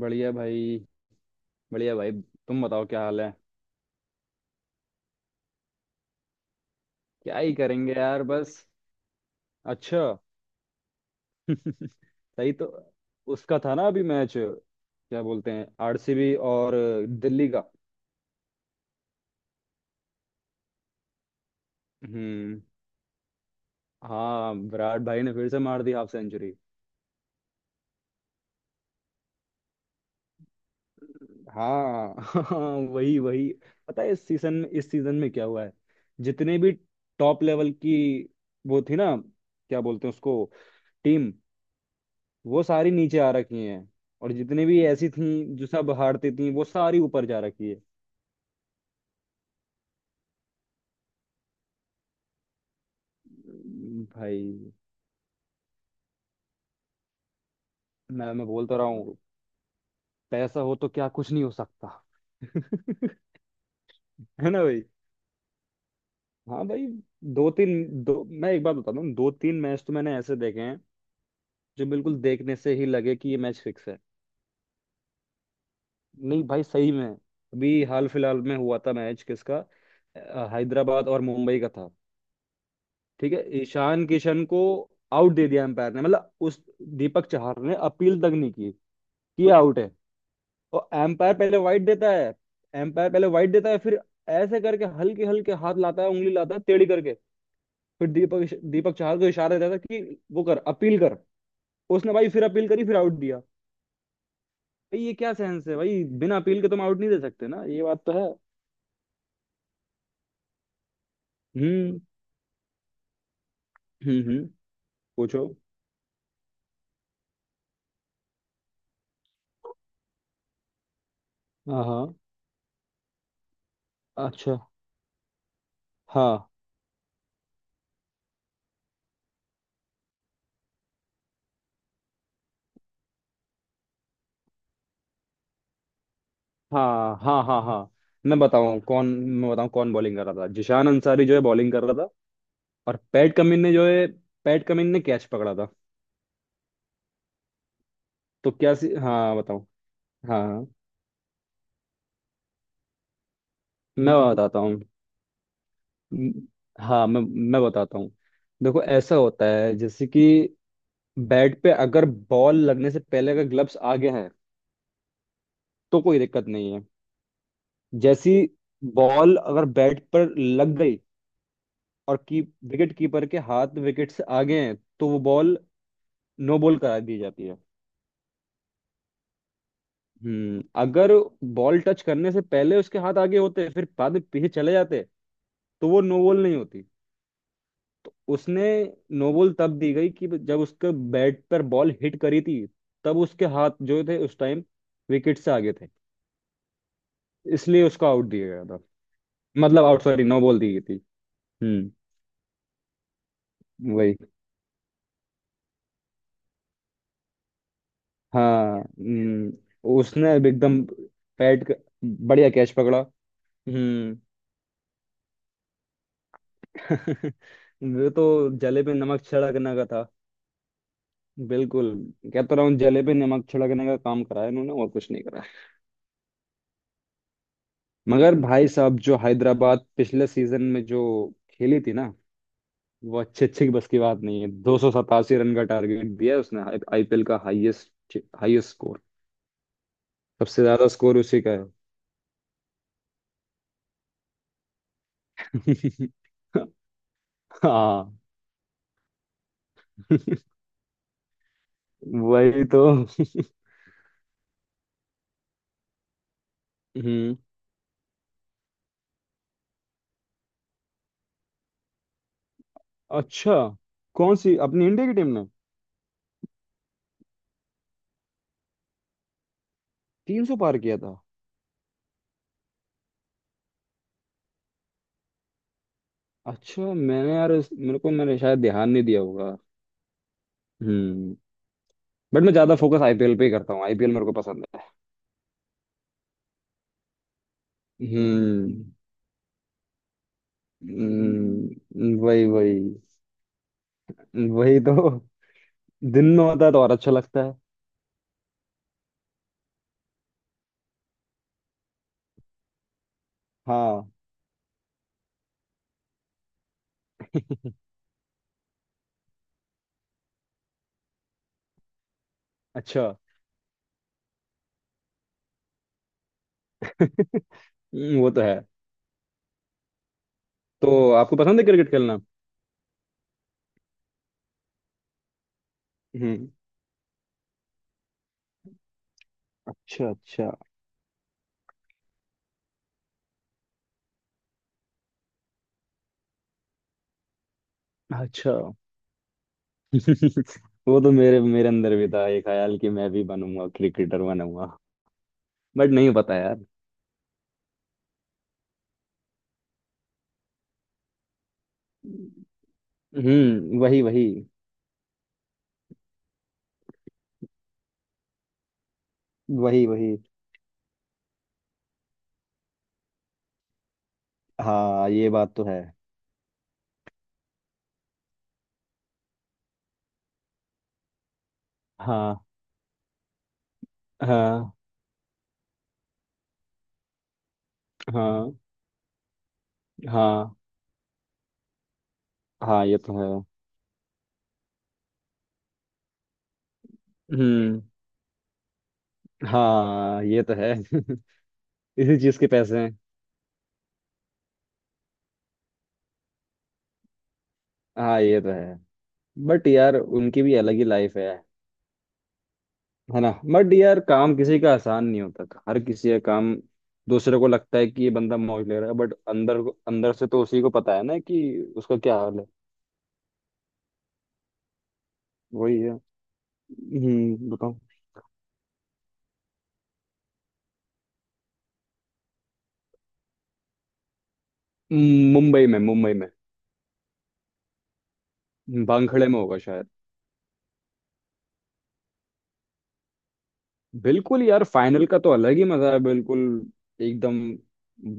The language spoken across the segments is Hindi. बढ़िया भाई। बढ़िया भाई, तुम बताओ क्या हाल है। क्या ही करेंगे यार, बस। अच्छा। सही तो। उसका था ना अभी मैच, क्या बोलते हैं, आरसीबी और दिल्ली का। हम्म। हाँ, विराट भाई ने फिर से मार दी हाफ सेंचुरी। हाँ, हाँ, वही वही। पता है इस सीजन में क्या हुआ है। जितने भी टॉप लेवल की वो थी ना, क्या बोलते हैं उसको, टीम, वो सारी नीचे आ रखी हैं। और जितने भी ऐसी थी जो सब हारती थी, वो सारी ऊपर जा रखी है। भाई मैं बोल तो रहा हूँ। पैसा हो तो क्या कुछ नहीं हो सकता। है ना भाई। हाँ भाई। दो तीन दो मैं एक बात बताता हूँ, दो तीन मैच तो मैंने ऐसे देखे हैं जो बिल्कुल देखने से ही लगे कि ये मैच फिक्स है। नहीं भाई, सही में। अभी हाल फिलहाल में हुआ था मैच किसका? हैदराबाद और मुंबई का था। ठीक है, ईशान किशन को आउट दे दिया एम्पायर ने, मतलब उस, दीपक चाहर ने अपील तक नहीं की कि आउट है। और एम्पायर पहले वाइड देता है फिर ऐसे करके हल्के हल्के हाथ लाता है, उंगली लाता है टेढ़ी करके। फिर दीपक दीपक चाहर को इशारा देता है कि वो कर अपील कर। उसने भाई फिर अपील करी, फिर आउट दिया। भाई, ये क्या सेंस है भाई? बिना अपील के तुम आउट नहीं दे सकते ना, ये बात तो है। हम्म, हम्म, हम्म। पूछो। हाँ, हाँ, अच्छा। हाँ। हाँ, हाँ, हाँ, हाँ। मैं बताऊँ कौन बॉलिंग कर रहा था, जिशान अंसारी जो है बॉलिंग कर रहा था। और पैट कमिंस ने कैच पकड़ा था। हाँ, बताऊँ। हाँ हाँ, मैं बताता हूँ। म- हाँ, मैं बताता हूँ। देखो, ऐसा होता है जैसे कि बैट पे अगर बॉल लगने से पहले अगर ग्लव्स आगे हैं, तो कोई दिक्कत नहीं है। जैसी बॉल अगर बैट पर लग गई, और की विकेट कीपर के हाथ विकेट से आगे हैं, तो वो बॉल नो बॉल करा दी जाती है। अगर बॉल टच करने से पहले उसके हाथ आगे होते, फिर बाद में पीछे चले जाते, तो वो नो बॉल नहीं होती। तो उसने, नो बॉल तब दी गई कि जब उसके बैट पर बॉल हिट करी थी, तब उसके हाथ जो थे उस टाइम विकेट से आगे थे। इसलिए उसको आउट दिया गया था, मतलब आउट, सॉरी नो बॉल दी गई थी। हम्म। वही। हाँ, हम्म। उसने अब एकदम पैट क- बढ़िया कैच पकड़ा। हम्म। वो तो जले पे नमक छिड़कने का था। बिल्कुल। कहता रहा हूँ, जले पे नमक छिड़कने का काम करा है इन्होंने, और कुछ नहीं करा है। मगर भाई साहब, जो हैदराबाद पिछले सीजन में जो खेली थी ना, वो अच्छे अच्छे की बस की बात नहीं है। 287 रन का टारगेट दिया है उसने। आईपीएल का हाईएस्ट हाईएस्ट स्कोर। सबसे ज्यादा स्कोर उसी का है। हाँ। वही तो। हम्म। अच्छा। कौन सी अपनी इंडिया की टीम ने 300 पार किया था? अच्छा, मैंने यार मेरे को मैंने शायद ध्यान नहीं दिया होगा। हम्म। बट मैं ज्यादा फोकस आईपीएल पे ही करता हूँ, आईपीएल मेरे को पसंद है। हम्म, वही वही। वही तो दिन में होता है तो और अच्छा लगता है। हाँ, अच्छा। वो तो है। तो आपको पसंद है क्रिकेट खेलना? हम्म। अच्छा अच्छा। अच्छा। वो तो मेरे मेरे अंदर भी था ये ख्याल कि मैं भी बनूंगा क्रिकेटर बनूंगा। बट नहीं पता यार। हम्म। वही वही। वही वही। हाँ, ये बात तो है। हाँ, हाँ, हाँ, हाँ, हाँ, ये तो है। हम्म। हाँ, ये तो है। इसी चीज के पैसे हैं। हाँ, ये तो है। बट यार उनकी भी अलग ही लाइफ है। है ना, बट यार काम किसी का आसान नहीं होता। हर किसी का काम, दूसरे को लगता है कि ये बंदा मौज ले रहा है, बट अंदर अंदर से तो उसी को पता है ना कि उसका क्या हाल है। वही है। हम्म, बताओ। मुंबई में, मुंबई में। भांखड़े में होगा शायद। बिल्कुल यार, फाइनल का तो अलग ही मजा है। बिल्कुल एकदम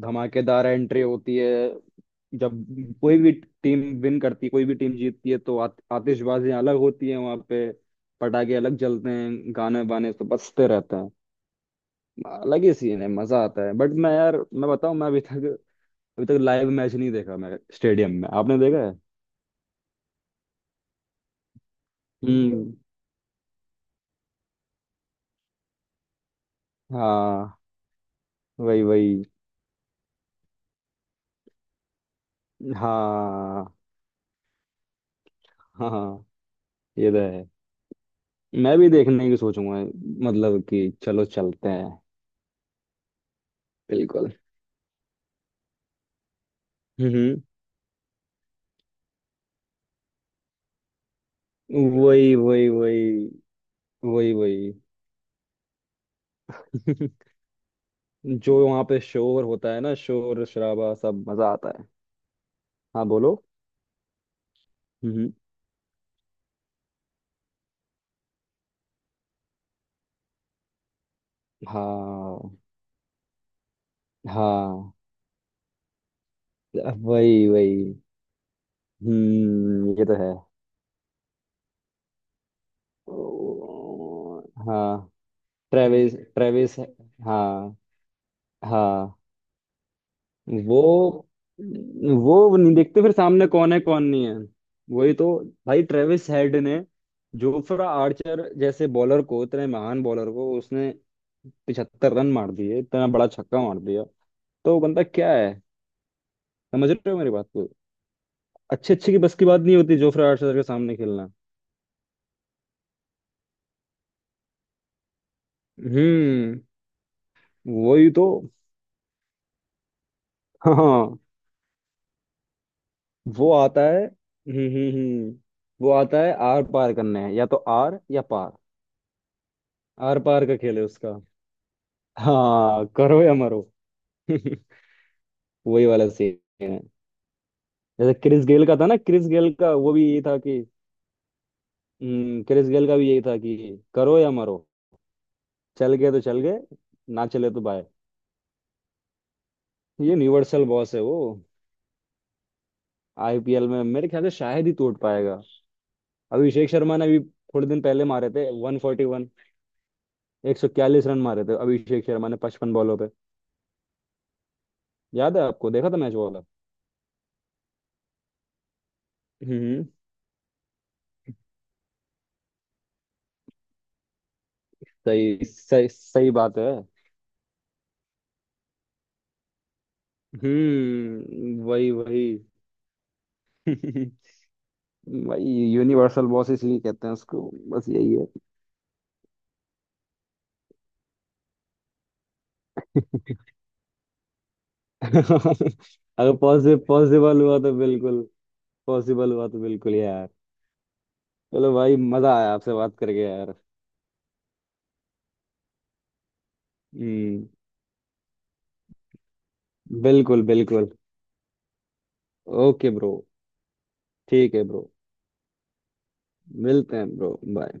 धमाकेदार एंट्री होती है। जब कोई भी टीम विन करती है, कोई भी टीम जीतती है, तो आतिशबाजी अलग होती है वहां पे। पटाखे अलग जलते हैं, गाने वाने तो बजते रहते हैं। अलग ही सीन है, मजा आता है। बट मैं यार, मैं बताऊं, मैं अभी तक लाइव मैच नहीं देखा मैं स्टेडियम में। आपने देखा है? हम्म। हाँ, वही वही। हाँ, हाँ, हाँ, ये तो है। मैं भी देखने की सोचूंगा, मतलब कि चलो चलते हैं। बिल्कुल। हम्म। वही वही। वही वही। वही। जो वहाँ पे शोर होता है ना, शोर शराबा, सब मजा आता है। हाँ, बोलो। हम्म। हाँ, हाँ, वही वही। हम्म, ये तो है। ओ, हाँ। Travis, Travis. हाँ, हाँ। वो। वो नहीं देखते फिर सामने कौन है कौन नहीं है। वही तो। भाई, ट्रेविस हेड ने जोफ्रा आर्चर जैसे बॉलर को, इतने महान बॉलर को, उसने 75 रन मार दिए, इतना बड़ा छक्का मार दिया। तो बंदा क्या है? समझ रहे हो मेरी बात को? अच्छे अच्छे की बस की बात नहीं होती जोफ्रा आर्चर के सामने खेलना। हम्म, वही तो। हाँ, वो आता है। हम्म, हम्म, हम्म। वो आता है आर पार करने, या तो आर या पार। आर पार का खेल है उसका। हाँ, करो या मरो। वही वाला सीन है। जैसे क्रिस गेल का था ना, क्रिस गेल का वो भी यही था कि, क्रिस गेल का भी यही था कि करो या मरो। चल गए तो चल गए, ना चले तो बाय। ये यूनिवर्सल बॉस है वो। आईपीएल में मेरे ख्याल से शायद ही तोड़ पाएगा। अभिषेक शर्मा ने अभी थोड़े दिन पहले मारे थे 141, 141 रन मारे थे अभिषेक शर्मा ने 55 बॉलों पे। याद है आपको? देखा था मैच वो वाला। हम्म, सही सही सही बात है। हम्म, वही वही। भाई, यूनिवर्सल बॉस इसलिए कहते हैं उसको, बस यही है। अगर पॉसिबल पॉसिबल हुआ तो बिल्कुल, पॉसिबल हुआ तो बिल्कुल यार। चलो भाई, मजा आया आपसे बात करके यार। हम्म। बिल्कुल बिल्कुल। Okay bro. ठीक है ब्रो। मिलते हैं ब्रो। बाय।